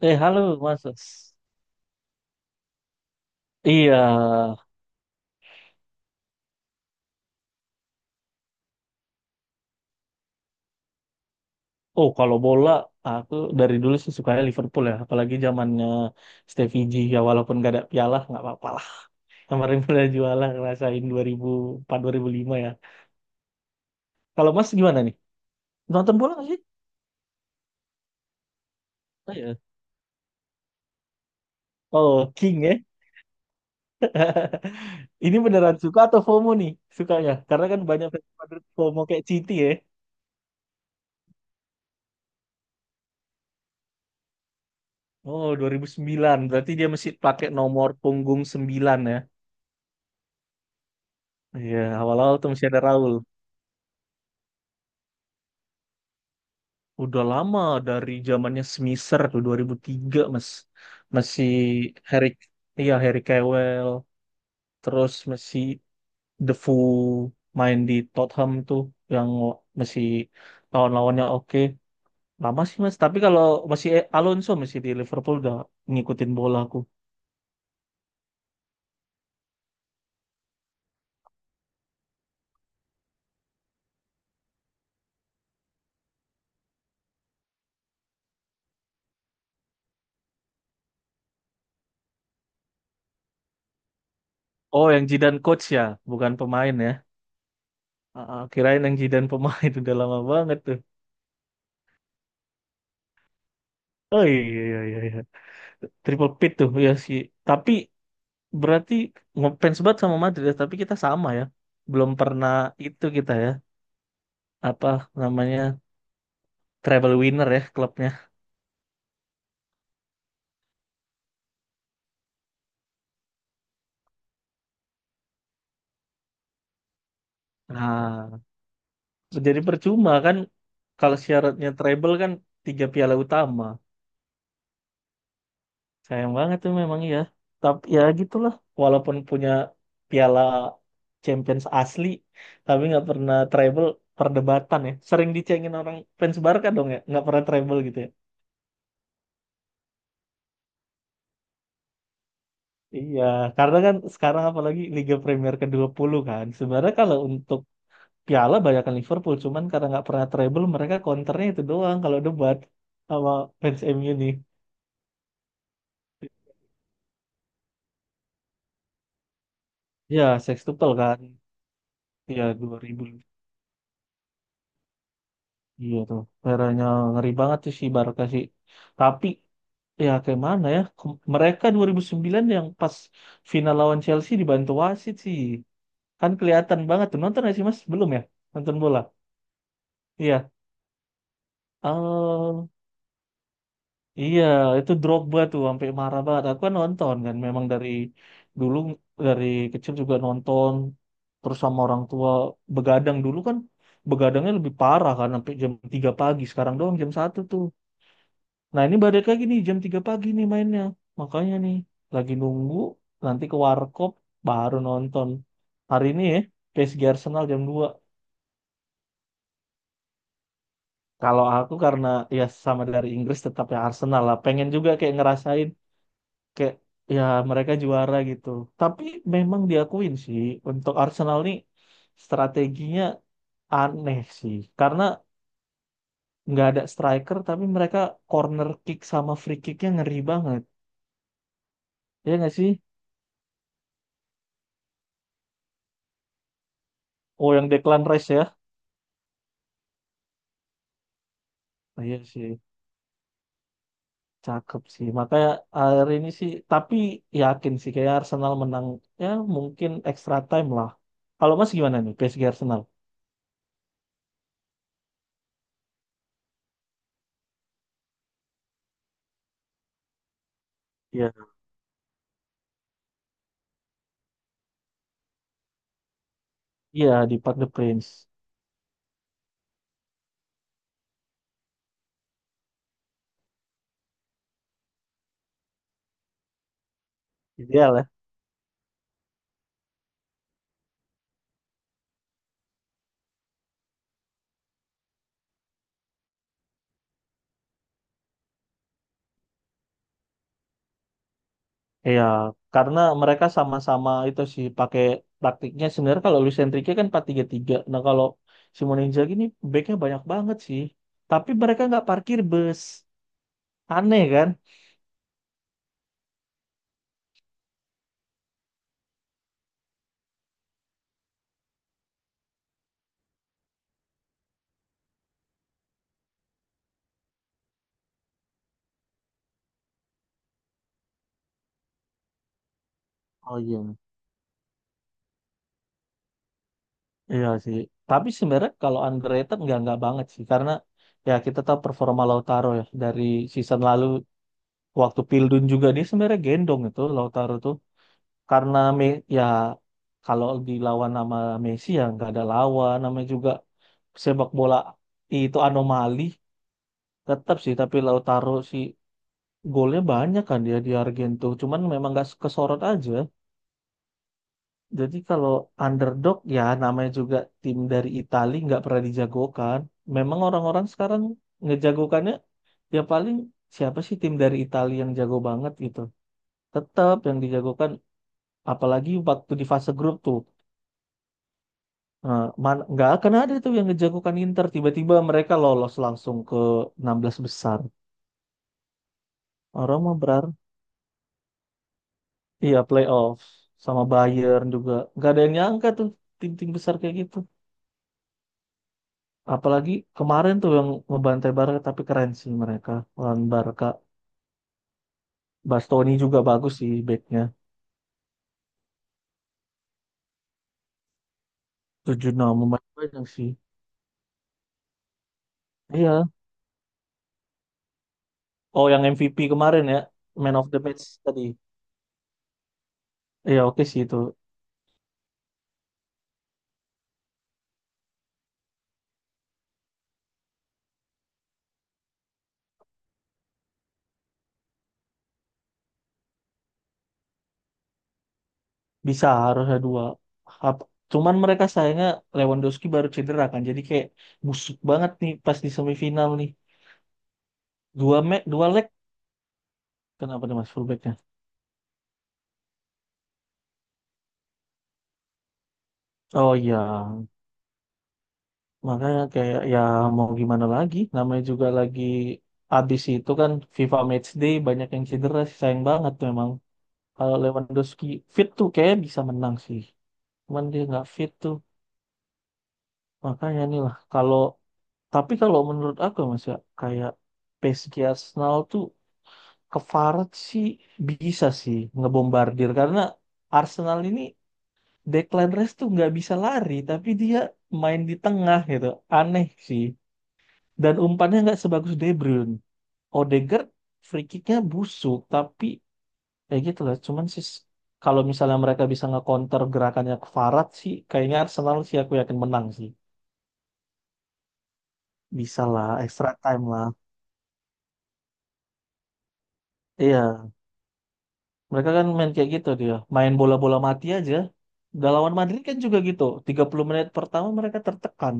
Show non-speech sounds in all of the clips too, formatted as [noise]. Halo, Mas. Iya. Oh, kalau bola, aku dari dulu sih sukanya Liverpool ya. Apalagi zamannya Stevie G. Ya, walaupun gak ada piala, nggak apa-apa lah. Kemarin [laughs] udah juara, ngerasain dua dua ribu empat dua ribu lima ya. Kalau Mas gimana nih? Nonton bola nggak sih? Oh, iya. Oh, King ya. [laughs] Ini beneran suka atau FOMO nih sukanya? Karena kan banyak fans Madrid FOMO kayak City ya. Oh, 2009. Berarti dia masih pakai nomor punggung 9 ya. Iya, awal-awal tuh masih ada Raul. Udah lama dari zamannya Smisser tuh 2003 Mas. Masih Harry, iya Harry Kewell, terus masih Defoe main di Tottenham tuh yang masih lawan-lawannya oke. Lama sih Mas, tapi kalau masih Alonso masih di Liverpool udah ngikutin bola aku. Oh, yang Zidane coach ya, bukan pemain ya. Kirain yang Zidane pemain [laughs] udah lama banget tuh. Oh, iya, iya, iya, iya. Triple pit tuh ya sih. Tapi berarti ngefans banget sama Madrid ya, tapi kita sama ya. Belum pernah itu kita ya, apa namanya, treble winner ya klubnya. Nah, jadi percuma kan kalau syaratnya treble kan tiga piala utama. Sayang banget tuh memang ya. Tapi ya gitulah, walaupun punya piala Champions asli, tapi nggak pernah treble perdebatan ya. Sering dicengin orang fans Barca dong ya, nggak pernah treble gitu ya. Iya, karena kan sekarang apalagi Liga Premier ke puluh kan. Sebenarnya kalau untuk piala banyakkan Liverpool, cuman karena nggak pernah treble mereka counternya itu doang kalau debat sama fans MU nih. Ya, sextuple kan. Ya dua ribu. Iya tuh. Eranya ngeri banget tuh si Barca sih. Tapi ya kayak mana ya? Mereka 2009 yang pas final lawan Chelsea dibantu wasit sih. Kan kelihatan banget tuh. Nonton nggak sih Mas? Belum ya? Nonton bola. Iya. Eh, Iya, itu Drogba tuh sampai marah banget. Aku kan nonton kan, memang dari dulu dari kecil juga nonton terus sama orang tua begadang dulu kan begadangnya lebih parah kan sampai jam 3 pagi. Sekarang doang jam satu tuh. Nah, ini balik lagi nih jam 3 pagi nih mainnya. Makanya nih lagi nunggu nanti ke warkop baru nonton. Hari ini ya PSG Arsenal jam 2. Kalau aku karena ya sama dari Inggris tetap ya Arsenal lah. Pengen juga kayak ngerasain kayak ya mereka juara gitu. Tapi memang diakuin sih untuk Arsenal nih strateginya aneh sih karena nggak ada striker tapi mereka corner kick sama free kicknya ngeri banget. Ya nggak sih? Oh, yang Declan Rice ya? Iya sih, cakep sih. Makanya akhir ini sih tapi yakin sih kayak Arsenal menang ya mungkin extra time lah. Kalau Mas gimana nih PSG Arsenal? Iya. Iya di Park the Prince. Ideal ya. Iya, karena mereka sama-sama itu sih pakai taktiknya sebenarnya kalau Luis Enrique kan 4-3-3. Nah, kalau Simone Inzaghi ini backnya banyak banget sih. Tapi mereka nggak parkir bus. Aneh kan? Oh, iya. Iya sih. Tapi sebenarnya kalau underrated nggak banget sih karena ya kita tahu performa Lautaro ya dari season lalu waktu Pildun juga dia sebenarnya gendong itu Lautaro tuh. Karena Me ya kalau dilawan nama Messi ya nggak ada lawan namanya juga sepak bola itu anomali tetap sih tapi Lautaro si golnya banyak kan dia di Argento cuman memang nggak kesorot aja jadi kalau underdog ya namanya juga tim dari Italia nggak pernah dijagokan memang orang-orang sekarang ngejagokannya ya paling siapa sih tim dari Italia yang jago banget gitu tetap yang dijagokan apalagi waktu di fase grup tuh. Nggak akan ada tuh yang ngejagokan Inter tiba-tiba mereka lolos langsung ke 16 besar orang mah berar iya playoff sama Bayern juga nggak ada yang nyangka tuh tim-tim besar kayak gitu apalagi kemarin tuh yang ngebantai Barca tapi keren sih mereka lawan Barca Bastoni juga bagus sih backnya tujuh 0 lumayan banyak sih iya oh yang MVP kemarin ya man of the match tadi iya oke sih itu. Bisa harusnya dua. Hap- Cuman mereka sayangnya Lewandowski baru cedera kan. Jadi kayak busuk banget nih pas di semifinal nih. Dua me dua leg. Kenapa nih Mas fullbacknya? Oh, iya. Makanya kayak ya mau gimana lagi. Namanya juga lagi abis itu kan FIFA Matchday banyak yang cedera sih. Sayang banget memang. Kalau Lewandowski fit tuh kayak bisa menang sih. Cuman dia nggak fit tuh. Makanya nih lah. Kalau tapi kalau menurut aku ya, Mas ya kayak PSG Arsenal tuh ke Farad sih bisa sih ngebombardir karena Arsenal ini Declan Rice tuh nggak bisa lari tapi dia main di tengah gitu aneh sih dan umpannya nggak sebagus De Bruyne Odegaard free kicknya busuk tapi ya gitu lah cuman sih kalau misalnya mereka bisa nge-counter gerakannya ke Farad sih kayaknya Arsenal sih aku yakin menang sih bisa lah extra time lah. Iya. Mereka kan main kayak gitu dia. Main bola-bola mati aja. Udah lawan Madrid kan juga gitu. 30 menit pertama mereka tertekan.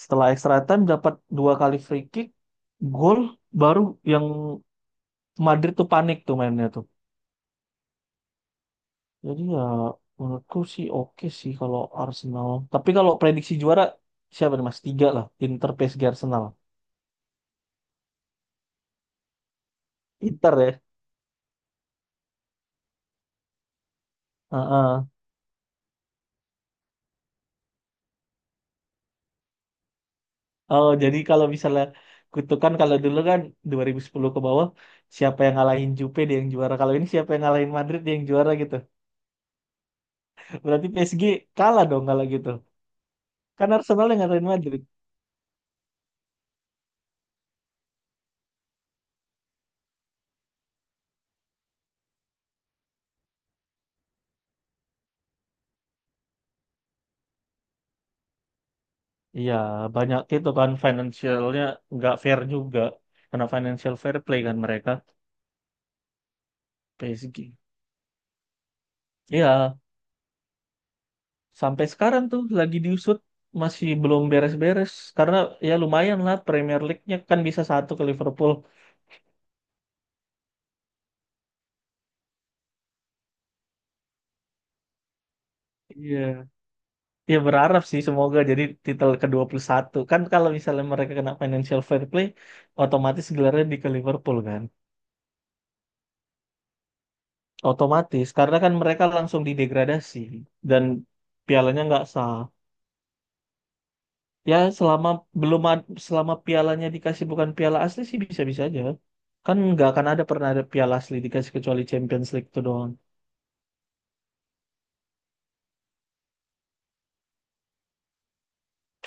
Setelah extra time dapat dua kali free kick, gol baru yang Madrid tuh panik tuh mainnya tuh. Jadi ya menurutku sih oke sih kalau Arsenal. Tapi kalau prediksi juara siapa nih Mas? Tiga lah. Inter, PSG, Arsenal. Inter ya. Heeh. Oh, jadi kalau misalnya kutukan kalau dulu kan 2010 ke bawah siapa yang ngalahin Jupe dia yang juara. Kalau ini siapa yang ngalahin Madrid dia yang juara gitu. Berarti PSG kalah dong kalau gitu. Kan Arsenal yang ngalahin Madrid. Iya, banyak itu kan financialnya nggak fair juga. Karena financial fair play kan mereka PSG. Iya, sampai sekarang tuh lagi diusut masih belum beres-beres karena ya lumayan lah Premier League-nya kan bisa satu ke Liverpool. Iya. Ya berharap sih semoga jadi titel ke satu kan kalau misalnya mereka kena financial fair play otomatis gelarnya di ke Liverpool kan otomatis karena kan mereka langsung didegradasi dan pialanya nggak sah ya selama belum ad- selama pialanya dikasih bukan piala asli sih bisa-bisa aja kan nggak akan ada pernah ada piala asli dikasih kecuali Champions League itu doang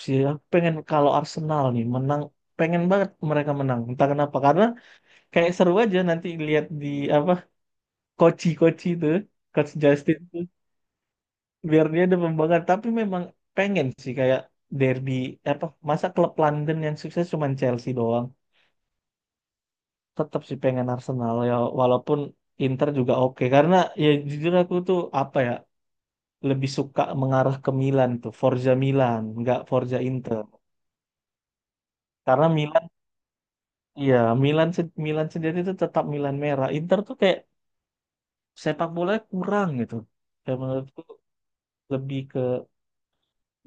sih ya. Pengen kalau Arsenal nih menang pengen banget mereka menang entah kenapa karena kayak seru aja nanti lihat di apa Koci Koci itu Coach Justin tuh biar dia ada pembanggaan tapi memang pengen sih kayak derby apa masa klub London yang sukses cuman Chelsea doang tetap sih pengen Arsenal ya walaupun Inter juga oke karena ya jujur aku tuh apa ya lebih suka mengarah ke Milan tuh Forza Milan nggak Forza Inter karena Milan iya Milan Milan sendiri tuh tetap Milan merah Inter tuh kayak sepak bola kurang gitu ya menurutku lebih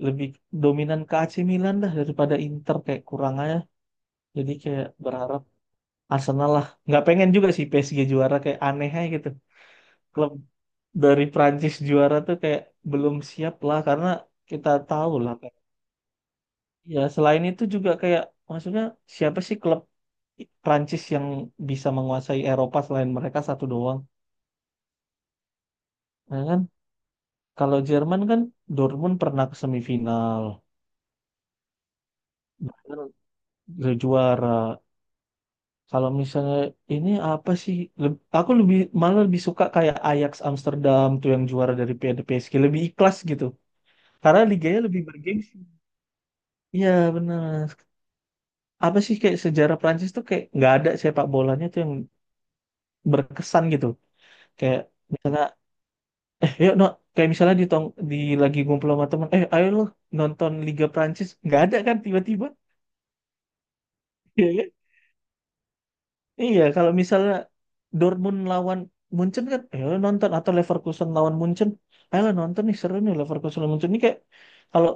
lebih dominan ke AC Milan dah daripada Inter kayak kurang aja. Jadi kayak berharap Arsenal lah. Nggak pengen juga sih PSG juara kayak aneh aja gitu. Klub dari Prancis juara tuh kayak belum siap lah karena kita tahu lah kayak. Ya selain itu juga kayak maksudnya siapa sih klub Prancis yang bisa menguasai Eropa selain mereka satu doang. Nah kan kalau Jerman kan Dortmund pernah ke semifinal, Bayern juara. Kalau misalnya ini apa sih? Aku lebih malah lebih suka kayak Ajax Amsterdam tuh yang juara dari PSG lebih ikhlas gitu. Karena liganya lebih bergengsi. Iya benar. Apa sih kayak sejarah Prancis tuh kayak nggak ada sepak bolanya tuh yang berkesan gitu. Kayak misalnya yuk no kayak misalnya di tong di lagi ngumpul sama teman eh ayo lo nonton Liga Prancis nggak ada kan tiba-tiba. [laughs] Iya kan? Iya, kalau misalnya Dortmund lawan Munchen kan, ayo nonton atau Leverkusen lawan Munchen, ayo nonton nih seru nih Leverkusen lawan Munchen. Ini kayak kalau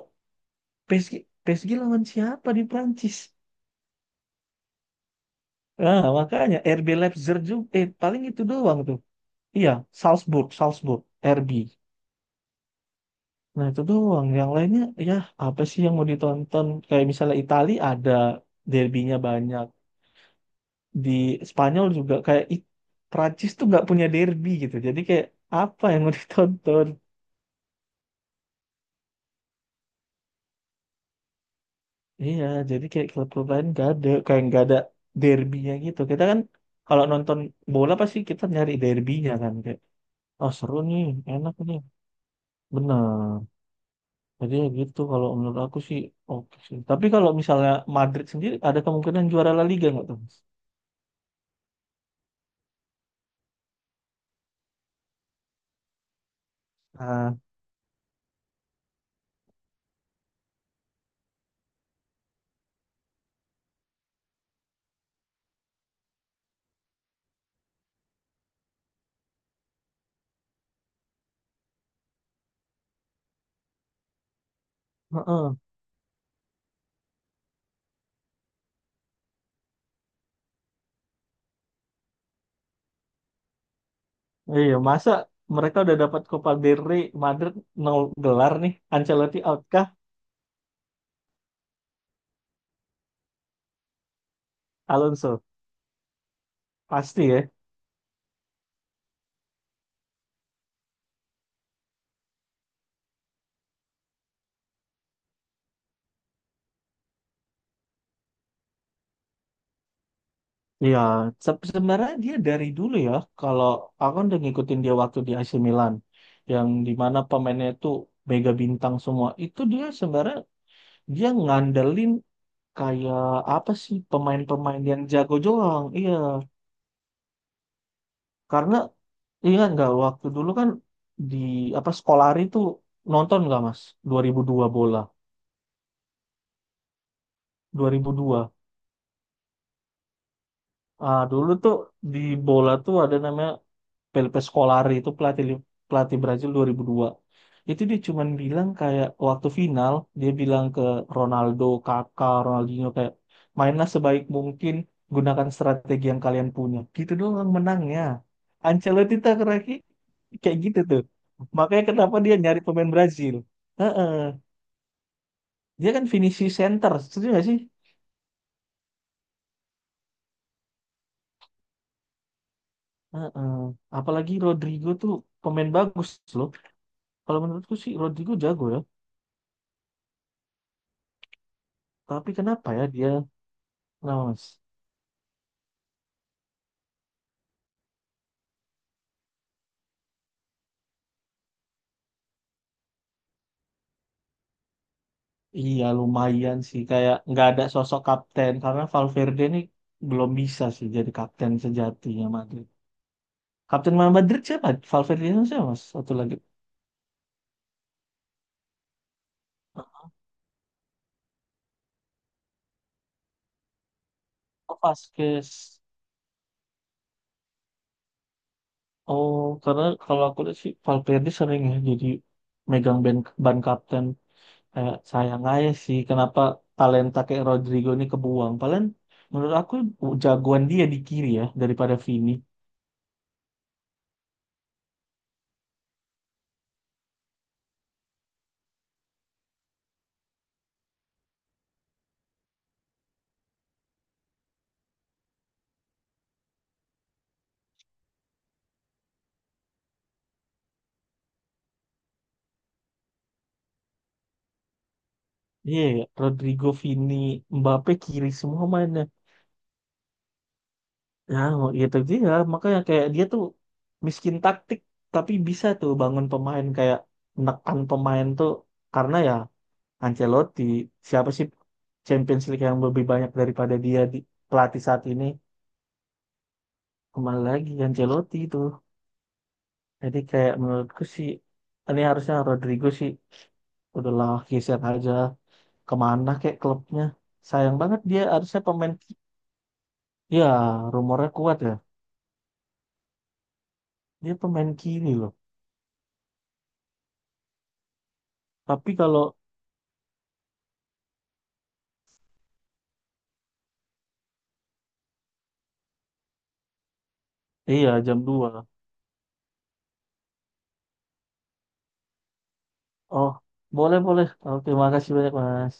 PSG PSG lawan siapa di Prancis? Nah, makanya RB Leipzig juga, paling itu doang tuh. Iya, Salzburg, Salzburg, RB. Nah itu doang. Yang lainnya, ya apa sih yang mau ditonton? Kayak misalnya Itali ada derbynya banyak. Di Spanyol juga kayak Prancis tuh nggak punya derby gitu. Jadi kayak apa yang mau ditonton. Iya, jadi kayak klub-klub lain gak ada, kayak nggak ada derbynya gitu. Kita kan kalau nonton bola pasti kita nyari derbynya kan kayak, oh seru nih, enak nih, benar. Jadi ya gitu kalau menurut aku sih oke sih. Tapi kalau misalnya Madrid sendiri ada kemungkinan juara La Liga nggak tuh? Mas? Nah, heeh. Iya, masa mereka udah dapat Copa del Rey, Madrid nol gelar nih, Ancelotti out kah? Alonso pasti ya. Iya, sebenarnya dia dari dulu ya, kalau aku kan udah ngikutin dia waktu di AC Milan, yang dimana pemainnya itu mega bintang semua, itu dia sebenarnya dia ngandelin kayak apa sih pemain-pemain yang jago doang, iya. Karena ingat nggak waktu dulu kan di apa Skolari itu nonton nggak Mas? 2002 bola, 2002. Dulu tuh di bola tuh ada namanya Felipe Scolari itu pelatih pelatih Brazil 2002 itu dia cuman bilang kayak waktu final dia bilang ke Ronaldo, Kakak, Ronaldinho kayak mainlah sebaik mungkin gunakan strategi yang kalian punya gitu doang menangnya Ancelotti tak keraki kayak gitu tuh makanya kenapa dia nyari pemain Brazil. Heeh. Dia kan finishing center setuju gak sih. Heeh. Apalagi Rodrigo tuh pemain bagus loh kalau menurutku sih Rodrigo jago ya tapi kenapa ya dia. Nah, Mas. Iya lumayan sih kayak nggak ada sosok kapten karena Valverde ini belum bisa sih jadi kapten sejatinya Madrid. Kapten Madrid siapa? Valverde itu siapa Mas? Satu lagi. Oh, Vasquez. Oh, karena kalau aku lihat sih Valverde sering ya jadi megang ban, ban kapten kayak sayang aja sih kenapa talenta kayak Rodrigo ini kebuang. Paling menurut aku jagoan dia di kiri ya daripada Vini. Iya, ya, Rodrigo, Vini, Mbappe kiri semua mainnya. Ya, mau gitu dia. Makanya kayak dia tuh miskin taktik, tapi bisa tuh bangun pemain kayak menekan pemain tuh karena ya Ancelotti siapa sih Champions League yang lebih banyak daripada dia di pelatih saat ini kembali lagi Ancelotti itu. Jadi kayak menurutku sih ini harusnya Rodrigo sih udahlah geser aja kemana kayak klubnya. Sayang banget dia harusnya ya rumornya kuat ya. Dia pemain kiri loh. Tapi kalau iya jam 2. Oh, boleh boleh. Oke, makasih banyak Mas.